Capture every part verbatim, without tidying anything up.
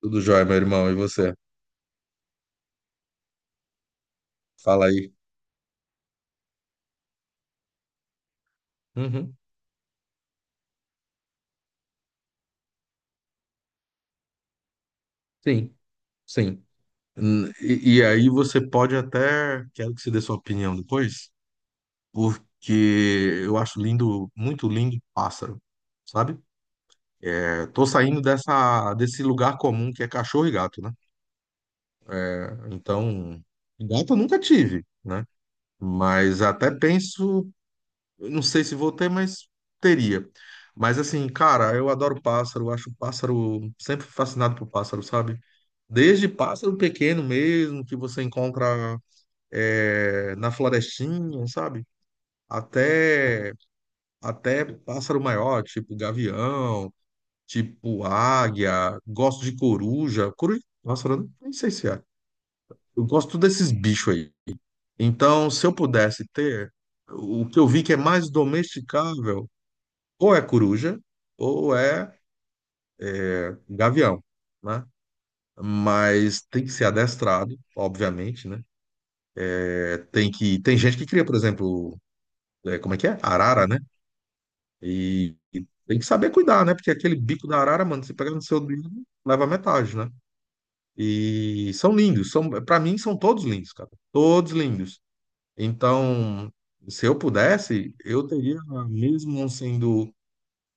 Tudo jóia, meu irmão. E você? Fala aí. Uhum. Sim, sim. Hum, E, e aí você pode até, quero que você dê sua opinião depois, porque eu acho lindo, muito lindo pássaro, sabe? É, tô saindo dessa, desse lugar comum que é cachorro e gato, né? É, então, gato eu nunca tive, né? Mas até penso. Eu não sei se vou ter, mas teria. Mas assim, cara, eu adoro pássaro, acho pássaro, sempre fui fascinado por pássaro, sabe? Desde pássaro pequeno mesmo, que você encontra é, na florestinha, sabe? Até, até pássaro maior, tipo gavião, tipo águia, gosto de coruja. Coruja, pássaro, né? Nem sei se é. Eu gosto desses bichos aí. Então, se eu pudesse ter, o que eu vi que é mais domesticável, ou é coruja, ou é gavião, né? Mas tem que ser adestrado, obviamente, né? É, tem que tem gente que cria, por exemplo, é, como é que é? Arara, né? E, e tem que saber cuidar, né? Porque aquele bico da arara, mano, se pegar no seu dedo, leva metade, né? E são lindos, são, para mim são todos lindos, cara. Todos lindos. Então, se eu pudesse, eu teria, mesmo não sendo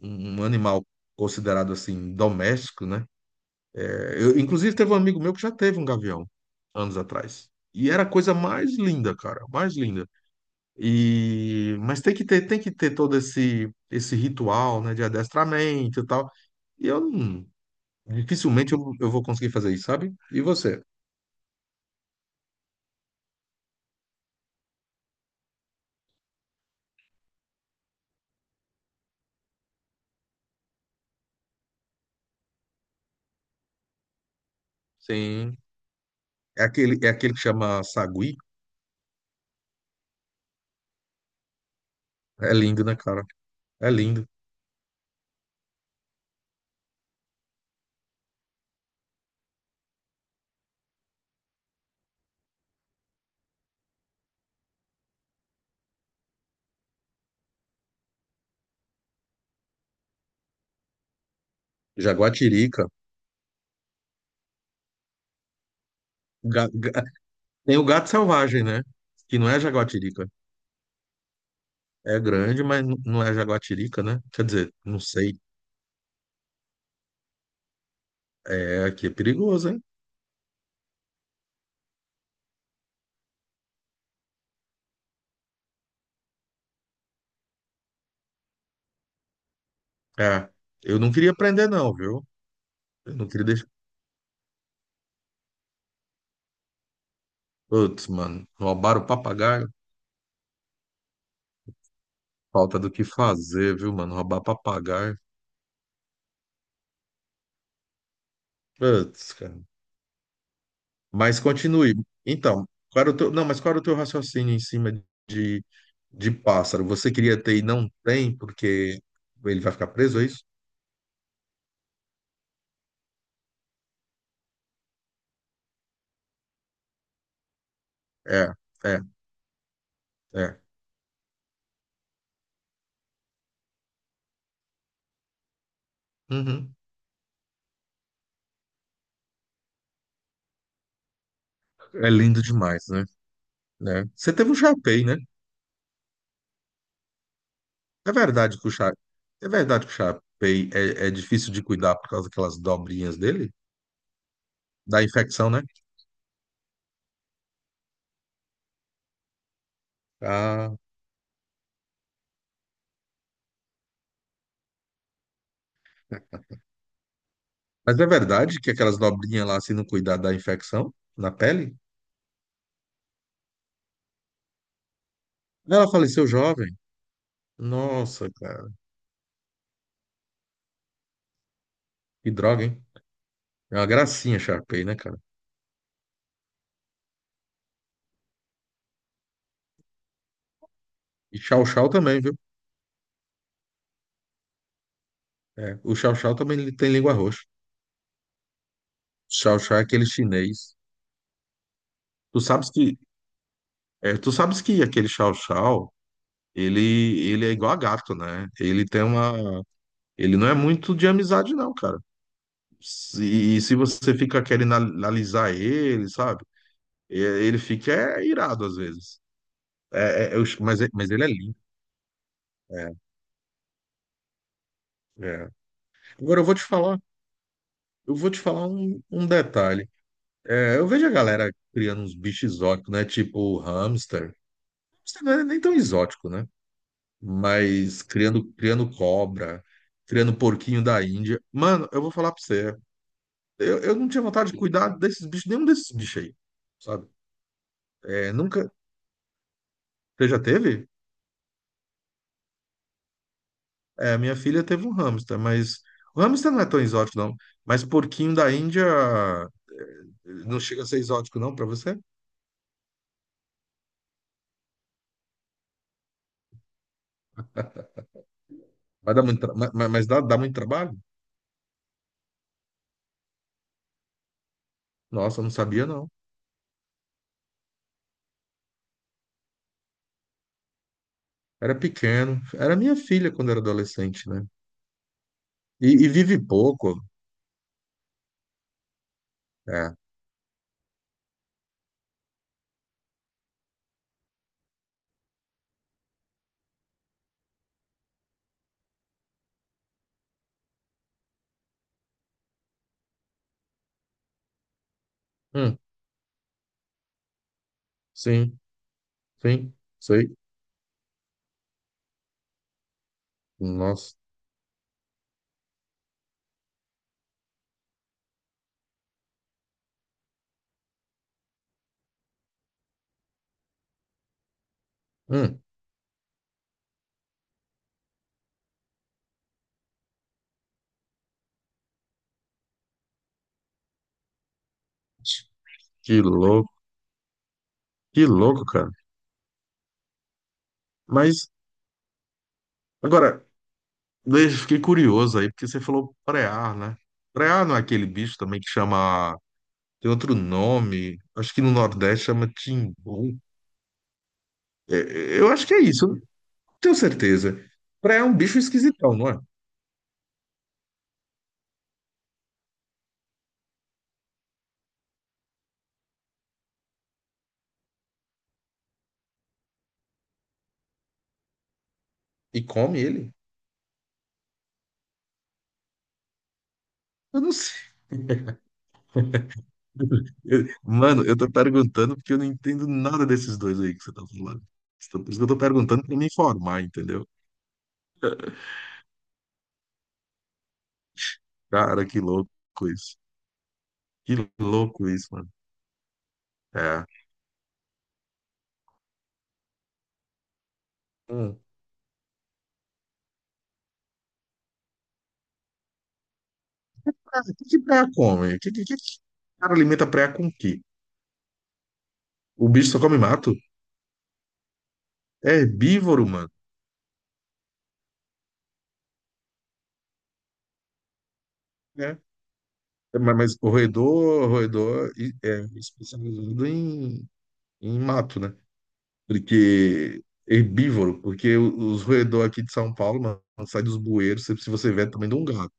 um um animal considerado assim doméstico, né? Eu, inclusive, teve um amigo meu que já teve um gavião anos atrás. E era a coisa mais linda, cara, mais linda. E mas tem que ter, tem que ter todo esse esse ritual, né, de adestramento e tal. E eu não- Dificilmente eu, eu vou conseguir fazer isso, sabe? E você? Sim. É aquele é aquele que chama sagui. É lindo, né, cara? É lindo. Jaguatirica. Ga- ga- Tem o gato selvagem, né? Que não é jaguatirica. É grande, mas n- não é jaguatirica, né? Quer dizer, não sei. É, aqui é perigoso, hein? É, eu não queria prender, não, viu? Eu não queria deixar. Putz, mano, roubaram o papagaio? Falta do que fazer, viu, mano? Roubar papagaio. Putz, cara. Mas continue. Então, qual era o teu... não, mas qual era o teu raciocínio em cima de, de pássaro? Você queria ter e não tem, porque ele vai ficar preso, é isso? É, é, é. Uhum. É lindo demais, né? Né? Você teve um chapéu, né? É verdade que o Cha... É verdade que o Shapei é, é difícil de cuidar por causa daquelas dobrinhas dele? Da infecção, né? Ah, mas é verdade que aquelas dobrinhas lá, se não cuidar da infecção na pele? Ela faleceu jovem. Nossa, cara. Que droga, hein? É uma gracinha, Shapei, né, cara? E Chow Chow também, viu? É, o Chow Chow também ele tem língua roxa. Chow Chow é aquele chinês. Tu sabes que, é, tu sabes que aquele Chow Chow, ele, ele é igual a gato, né? Ele tem uma, Ele não é muito de amizade, não, cara. Se- E se você fica querendo analisar ele, sabe? E- Ele fica é, irado às vezes. É, é, eu ch- mas, é- mas ele é lindo. É, é. Agora eu vou te falar, eu vou te falar, um, um detalhe. É, eu vejo a galera criando uns bichos exóticos, né? Tipo hamster. Hamster não é nem tão exótico, né? Mas criando, criando cobra, criando porquinho da Índia. Mano, eu vou falar pra você. Eu, eu não tinha vontade de cuidar desses bichos, nenhum desses bichos aí. Sabe? É, nunca. Você já teve? É, minha filha teve um hamster, mas. O hamster não é tão exótico, não. Mas porquinho da Índia eh, não chega a ser exótico, não, pra você? Vai dar muito tra- ma- ma- Mas dá, dá muito trabalho? Nossa, eu não sabia, não. Era pequeno. Era minha filha quando era adolescente, né? E, e vive pouco. É. Hum, sim, sim, sei. Nossa. Hum, que louco, que louco, cara. Mas, agora, Deixa- fiquei curioso aí, porque você falou preá, né? Preá não é aquele bicho também que chama. Tem outro nome. Acho que no Nordeste chama timbu. É, é, eu acho que é isso, eu não tenho certeza. Preá é um bicho esquisitão, não é? E come ele? Eu não sei. Eu- mano, eu tô perguntando porque eu não entendo nada desses dois aí que você tá falando. Então, por isso que eu tô perguntando pra me informar, entendeu? Cara, que louco isso. Que louco isso, mano. É. Hum. Ah, o que que preá come? O que, que, que que o cara alimenta preá com o quê? O bicho só come mato? É herbívoro, mano. É. Mas, mas o roedor, roedor e- é especializado em, em mato, né? Porque herbívoro, porque o- os roedor aqui de São Paulo, mano, sai dos bueiros, se se você vê, é do tamanho de um gato.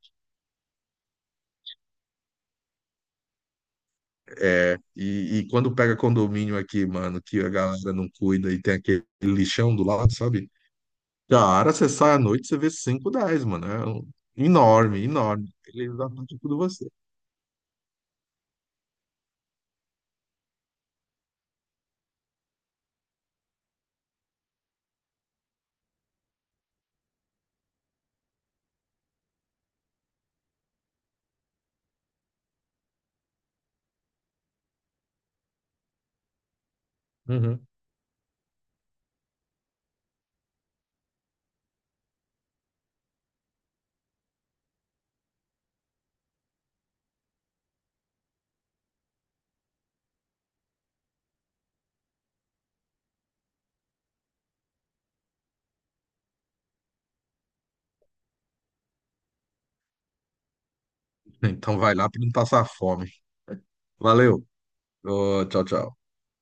É, e, e quando pega condomínio aqui, mano, que a galera não cuida e tem aquele lixão do lado, sabe? Cara, você sai à noite, você vê cinco dez, mano. É um- enorme, enorme. Eles atacam tudo você. Uhum. Então vai lá pra não passar fome. Valeu. Ô, tchau, tchau.